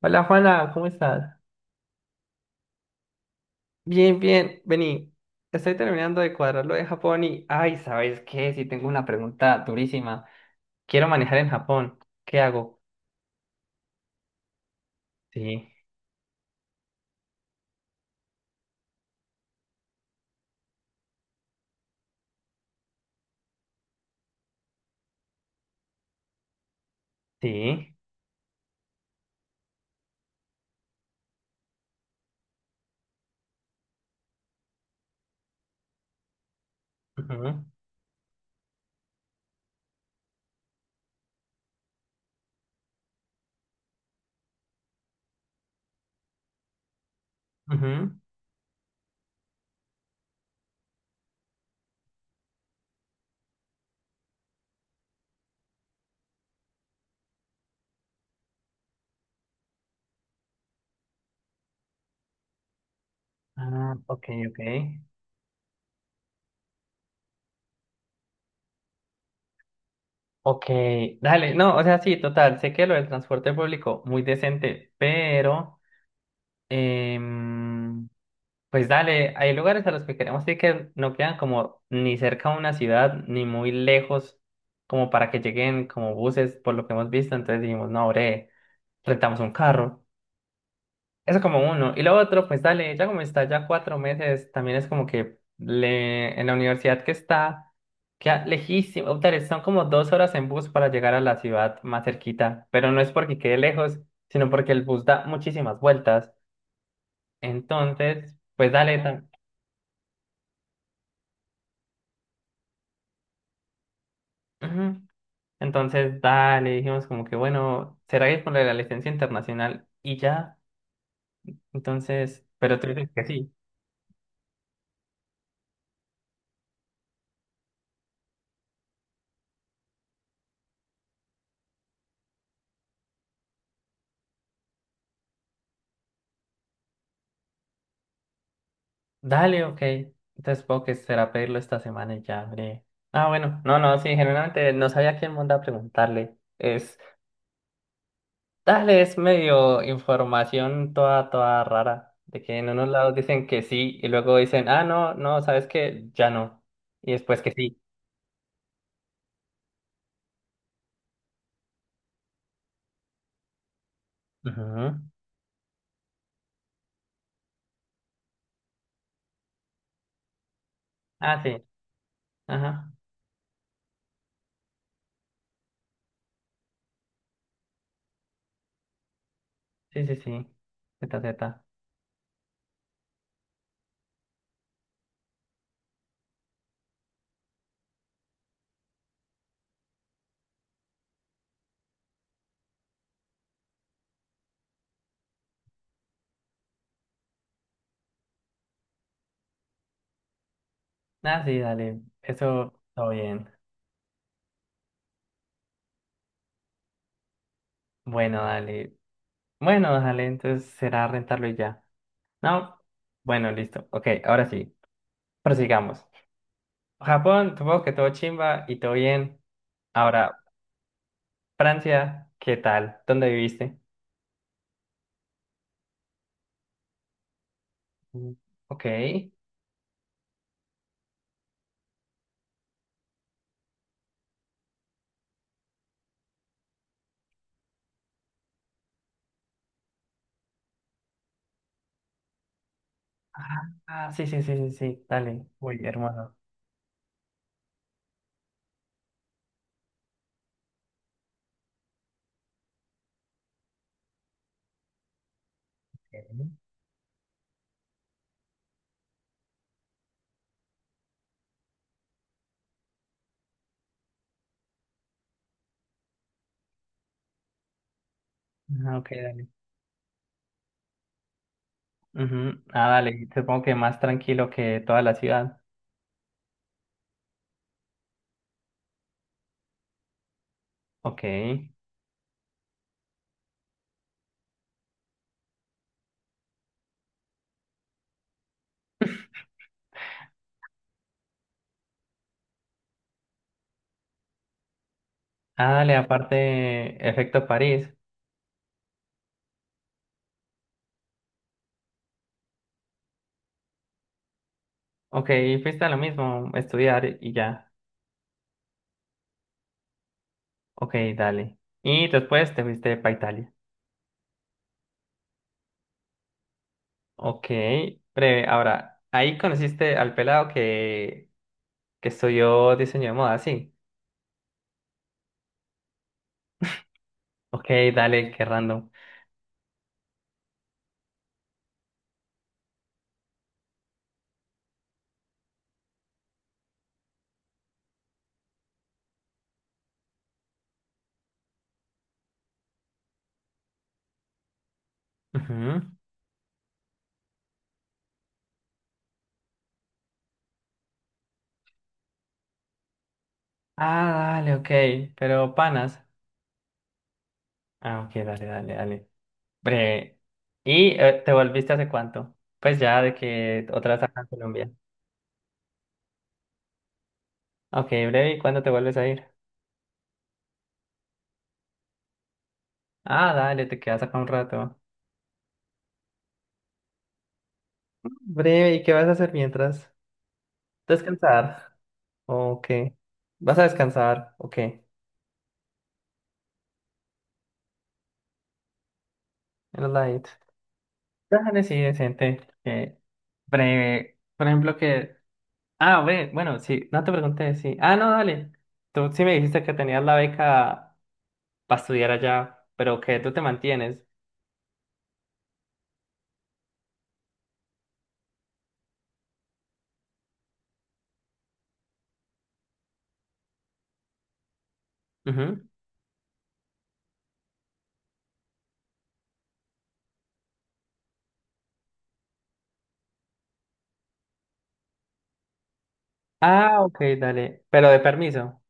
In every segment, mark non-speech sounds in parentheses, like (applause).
Hola Juana, ¿cómo estás? Bien, bien, vení. Estoy terminando de cuadrar lo de Japón y, ay, ¿sabes qué? Sí, tengo una pregunta durísima. Quiero manejar en Japón. ¿Qué hago? Sí, sí. Ujú, ujú. Ah, ok, ok. Ok, dale. No, o sea, sí, total. Sé que lo del transporte público, muy decente, pero... em, Pues dale, hay lugares a los que queremos ir que no quedan como ni cerca de una ciudad ni muy lejos como para que lleguen como buses por lo que hemos visto, entonces dijimos, no, bre, rentamos un carro. Eso como uno. Y lo otro, pues dale, ya como está ya cuatro meses, también es como que le, en la universidad que está, queda lejísimo, dale, son como dos horas en bus para llegar a la ciudad más cerquita, pero no es porque quede lejos, sino porque el bus da muchísimas vueltas. Entonces, pues dale. Mm. También. Entonces, dale, dijimos como que, bueno, ¿será que es por la licencia internacional? Y ya, entonces, pero tú dices que sí. Dale, ok. Entonces, supongo que será pedirlo esta semana y ya, breve. Ah, bueno, no, no, sí, generalmente no sabía quién mandar a preguntarle. Es, dale, es medio información toda, toda rara, de que en unos lados dicen que sí y luego dicen, ah, no, no, ¿sabes que Ya no. Y después que sí. Ujú. Ah, sí, ajá, sí, sí, sí, zeta, zeta. Ah, sí, dale. Eso, todo bien. Bueno, dale. Bueno, dale, entonces será rentarlo y ya. ¿No? Bueno, listo. Ok, ahora sí. Prosigamos. Japón, supongo que todo chimba y todo bien. Ahora, Francia, ¿qué tal? ¿Dónde viviste? Mm. Ok. Ah, ah, sí, sí, sí, sí, sí. Dale. Uy, hermoso. Ok. Ah, ok, dale. Ujú. Ah, dale. Supongo que más tranquilo que toda la ciudad. Ok. Ah, dale, aparte, efecto París. Ok, fuiste a lo mismo, estudiar y ya. Ok, dale. Y después te fuiste para Italia. Ok, breve. Ahora, ahí conociste al pelado que estudió diseño de moda, sí. Ok, dale, qué random. Ujú. Ah, dale, ok. Pero panas. Ah, ok, dale, dale, dale. Breve. ¿Y te volviste hace cuánto? Pues ya de que otra vez acá en Colombia. Ok, breve. ¿Y cuándo te vuelves a ir? Ah, dale, te quedas acá un rato. Breve, ¿y qué vas a hacer mientras? Descansar. ¿O ¿Vas a descansar? ¿O qué? En los laditos. Déjale, sí, decente. Que breve. Por ejemplo, que. Ah, ve, bueno, sí, no te pregunté, sí. Ah, no, dale. Tú sí me dijiste que tenías la beca para estudiar allá, pero que tú te mantienes. Ujú. Ah, ok, dale. Pero de permiso.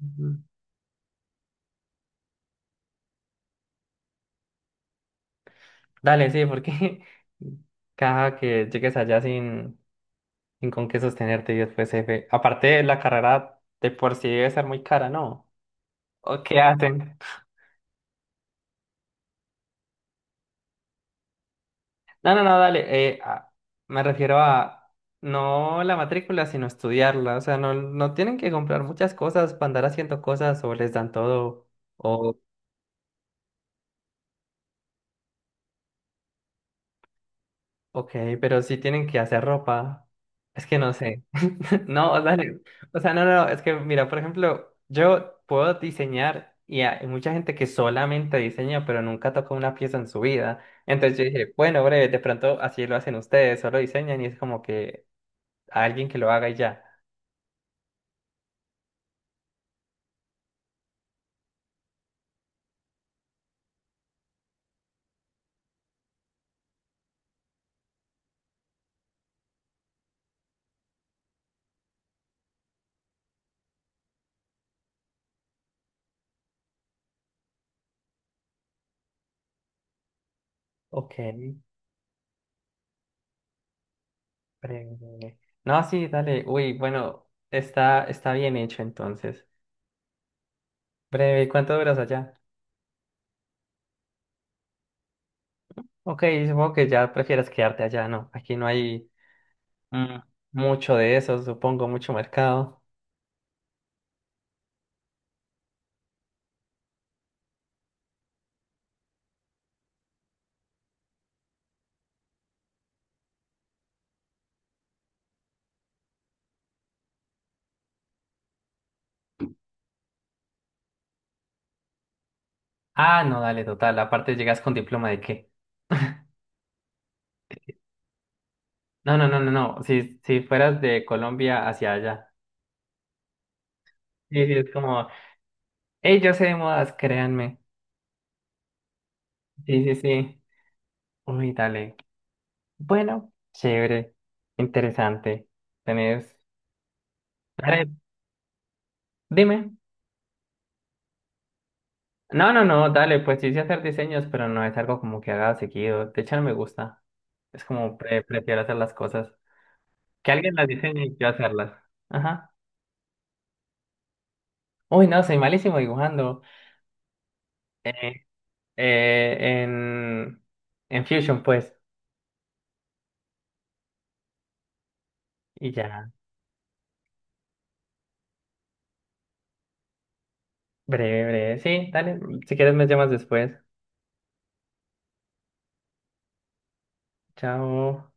Ujú. Dale, sí, porque (laughs) caja que llegues allá sin, sin con qué sostenerte y después, jefe. Aparte, la carrera de por sí debe ser muy cara, ¿no? ¿O qué hacen? No, no, no, dale. Me refiero a no la matrícula, sino estudiarla. O sea, no, no tienen que comprar muchas cosas para andar haciendo cosas o les dan todo. O, ok, pero sí tienen que hacer ropa. Es que no sé. (laughs) No, dale. O sea, no, no, no, es que mira, por ejemplo, yo puedo diseñar y hay mucha gente que solamente diseña, pero nunca toca una pieza en su vida. Entonces yo dije, bueno, breve, de pronto así lo hacen ustedes, solo diseñan y es como que. A alguien que lo haga y ya. Ok, breve. No, sí, dale. Uy, bueno, está, está bien hecho entonces. Breve, ¿y cuánto duras allá? Ok, supongo que ya prefieras quedarte allá, ¿no? Aquí no hay mm, mucho de eso, supongo, mucho mercado. Ah, no, dale, total. Aparte, llegas con diploma de qué. (laughs) No, no, no, no, no. Si, si fueras de Colombia hacia allá. Sí, sí, es como, hey, yo sé de modas, créanme. Sí, sí, sí. Uy, dale. Bueno, chévere, interesante. Tenés. Dale, dime. No, no, no, dale, pues sí sé hacer diseños, pero no es algo como que haga seguido. De hecho, no me gusta. Es como prefiero hacer las cosas. Que alguien las diseñe y yo hacerlas. Ajá. Uy, no, soy malísimo dibujando. Eh, eh, en, en Fusion, pues. Y ya. Breve, breve. Sí, dale. Si quieres me llamas después. Chao.